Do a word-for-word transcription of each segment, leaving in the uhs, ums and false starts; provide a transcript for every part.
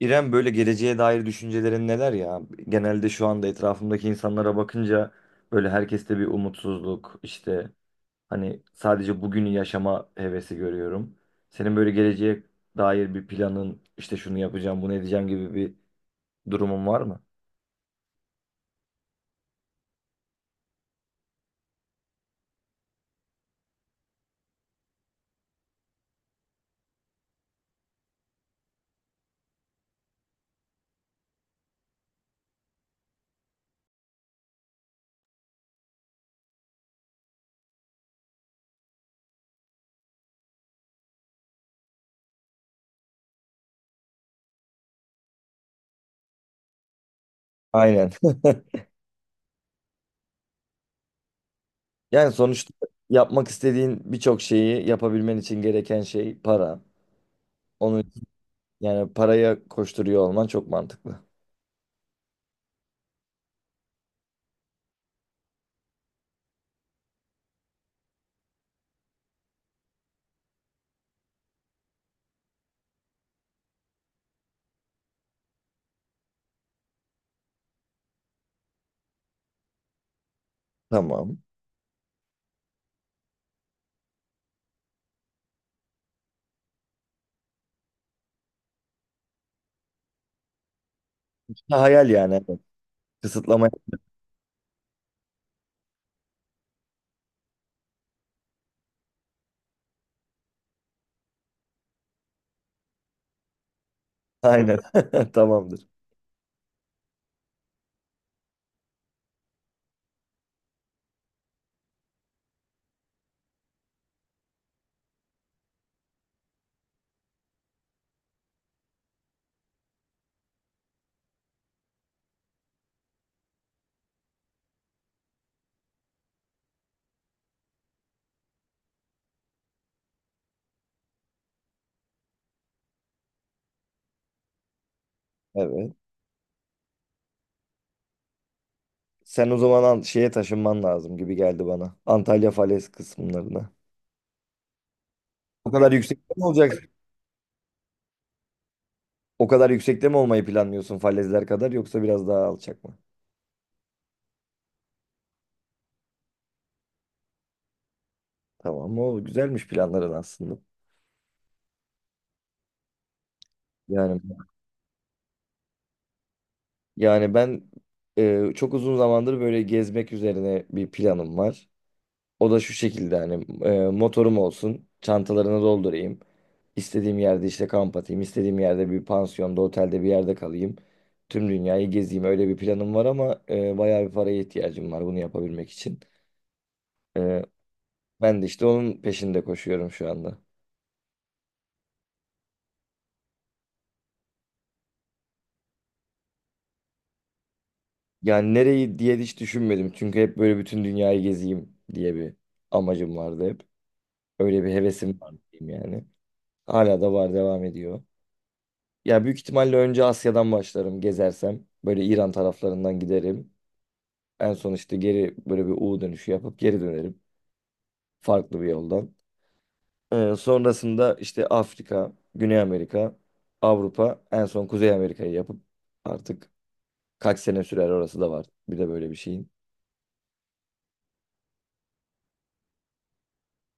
İrem, böyle geleceğe dair düşüncelerin neler ya? Genelde şu anda etrafımdaki insanlara bakınca böyle herkeste bir umutsuzluk işte hani sadece bugünü yaşama hevesi görüyorum. Senin böyle geleceğe dair bir planın, işte şunu yapacağım bunu edeceğim gibi bir durumun var mı? Aynen. Yani sonuçta yapmak istediğin birçok şeyi yapabilmen için gereken şey para. Onu, yani paraya koşturuyor olman çok mantıklı. Tamam. Ha, hayal yani. Evet. Kısıtlama. Aynen. Tamamdır. Evet. Sen o zaman an- şeye taşınman lazım gibi geldi bana. Antalya falez kısımlarına. O kadar yüksekte mi olacak? O kadar yüksekte mi olmayı planlıyorsun, falezler kadar yoksa biraz daha alçak mı? Tamam, o güzelmiş planların aslında. Yani yani ben e, çok uzun zamandır böyle gezmek üzerine bir planım var. O da şu şekilde: hani e, motorum olsun, çantalarını doldurayım. İstediğim yerde işte kamp atayım, istediğim yerde bir pansiyonda, otelde bir yerde kalayım. Tüm dünyayı gezeyim, öyle bir planım var ama e, bayağı bir paraya ihtiyacım var bunu yapabilmek için. E, Ben de işte onun peşinde koşuyorum şu anda. Yani nereyi diye hiç düşünmedim çünkü hep böyle bütün dünyayı gezeyim diye bir amacım vardı hep. Öyle bir hevesim var diyeyim yani. Hala da var, devam ediyor. Ya büyük ihtimalle önce Asya'dan başlarım gezersem. Böyle İran taraflarından giderim. En son işte geri böyle bir U dönüşü yapıp geri dönerim. Farklı bir yoldan. Ee, sonrasında işte Afrika, Güney Amerika, Avrupa, en son Kuzey Amerika'yı yapıp artık kaç sene sürer, orası da var. Bir de böyle bir şeyin.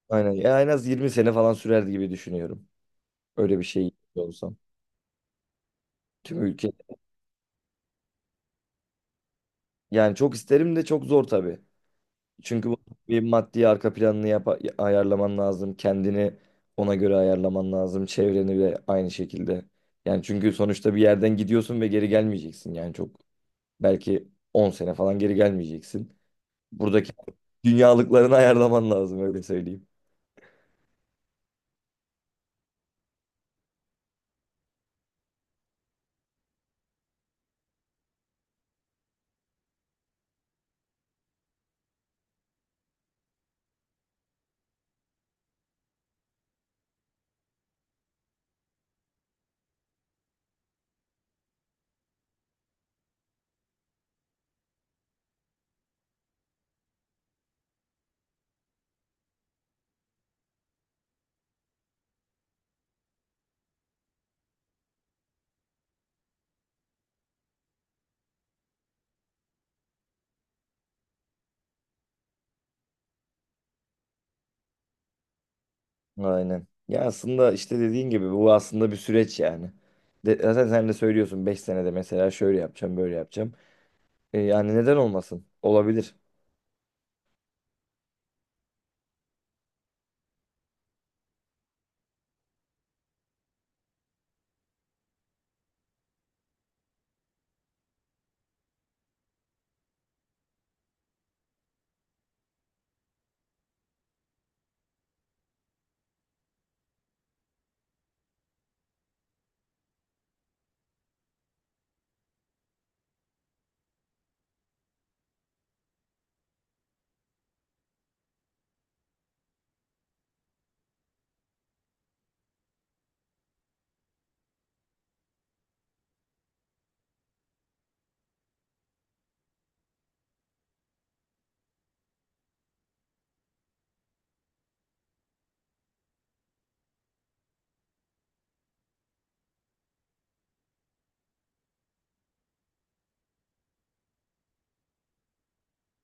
Aynen. Ya en az yirmi sene falan sürer gibi düşünüyorum. Öyle bir şey olsam. Tüm ülke. Yani çok isterim de çok zor tabii. Çünkü bu bir maddi arka planını yap ayarlaman lazım. Kendini ona göre ayarlaman lazım. Çevreni de aynı şekilde. Yani çünkü sonuçta bir yerden gidiyorsun ve geri gelmeyeceksin. Yani çok belki on sene falan geri gelmeyeceksin. Buradaki dünyalıklarını ayarlaman lazım, öyle söyleyeyim. Aynen. Ya aslında işte dediğin gibi bu aslında bir süreç yani. De, zaten sen de söylüyorsun, beş senede mesela şöyle yapacağım böyle yapacağım. E, yani neden olmasın? Olabilir.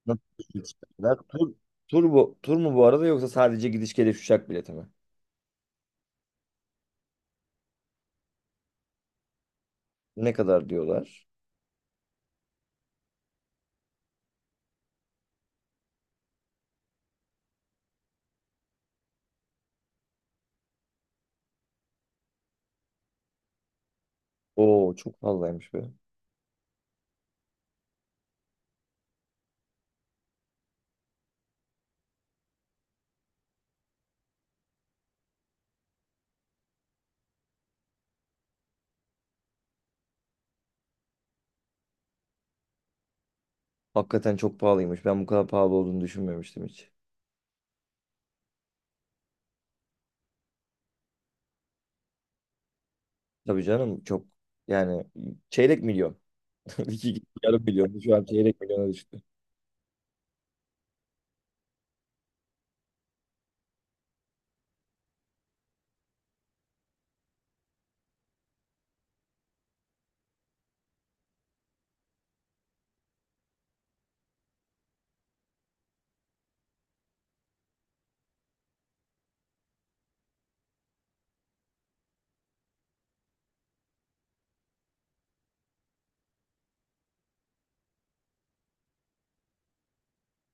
Nasıl gidiş Tur, tur, bu, Tur mu bu arada, yoksa sadece gidiş geliş uçak bileti mi? Ne kadar diyorlar? Oo, çok pahalıymış be. Hakikaten çok pahalıymış. Ben bu kadar pahalı olduğunu düşünmemiştim hiç. Tabii canım, çok yani çeyrek milyon. İki, yarım milyon. Şu an çeyrek milyona düştü.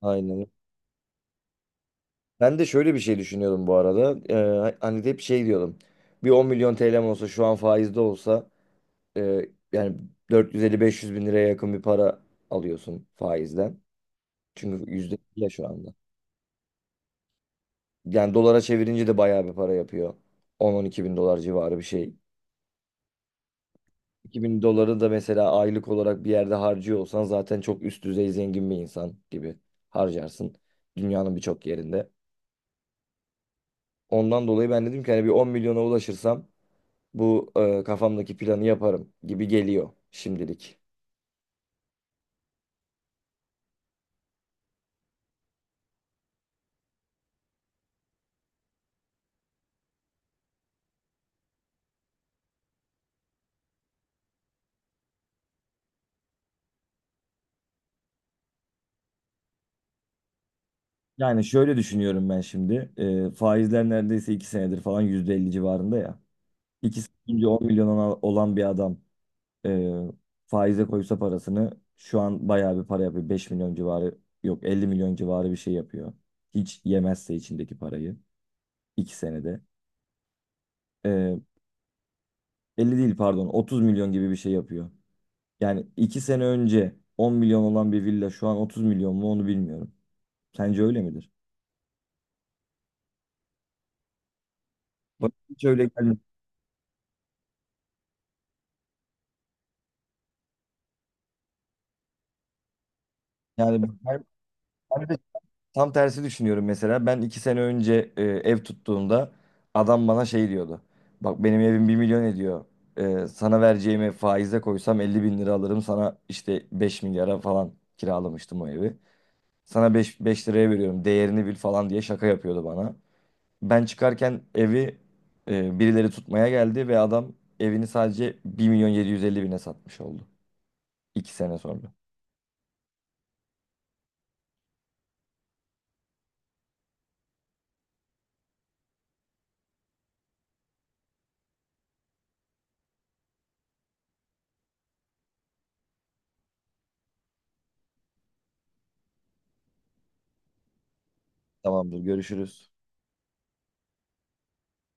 Aynen. Ben de şöyle bir şey düşünüyordum bu arada. Ee, hani hep şey diyordum. Bir on milyon T L'm olsa şu an faizde olsa e, yani dört yüz elli, beş yüz bin liraya yakın bir para alıyorsun faizden. Çünkü yüzde ya şu anda. Yani dolara çevirince de bayağı bir para yapıyor. On-on iki bin dolar civarı bir şey. iki bin doları da mesela aylık olarak bir yerde harcıyor olsan zaten çok üst düzey zengin bir insan gibi harcarsın. Dünyanın birçok yerinde. Ondan dolayı ben dedim ki hani bir on milyona ulaşırsam bu e, kafamdaki planı yaparım gibi geliyor şimdilik. Yani şöyle düşünüyorum ben şimdi. E, faizler neredeyse iki senedir falan yüzde elli civarında ya. iki sene önce on milyona olan bir adam. Ee, Faize koysa parasını şu an bayağı bir para yapıyor. beş milyon civarı, yok elli milyon civarı bir şey yapıyor. Hiç yemezse içindeki parayı iki senede. Ee, elli değil, pardon, otuz milyon gibi bir şey yapıyor. Yani iki sene önce on milyon olan bir villa şu an otuz milyon mu, onu bilmiyorum. Sence öyle midir? Bana hiç öyle gelmiyor. Yani ben, ben tam tersi düşünüyorum mesela. Ben iki sene önce e, ev tuttuğumda adam bana şey diyordu. Bak, benim evim bir milyon ediyor. E, sana vereceğimi faize koysam elli bin lira alırım. Sana işte beş milyara falan kiralamıştım o evi. Sana beş beş liraya veriyorum, değerini bil falan diye şaka yapıyordu bana. Ben çıkarken evi e, birileri tutmaya geldi ve adam evini sadece bir milyon yedi yüz elli bine satmış oldu. iki sene sonra. Tamamdır, görüşürüz.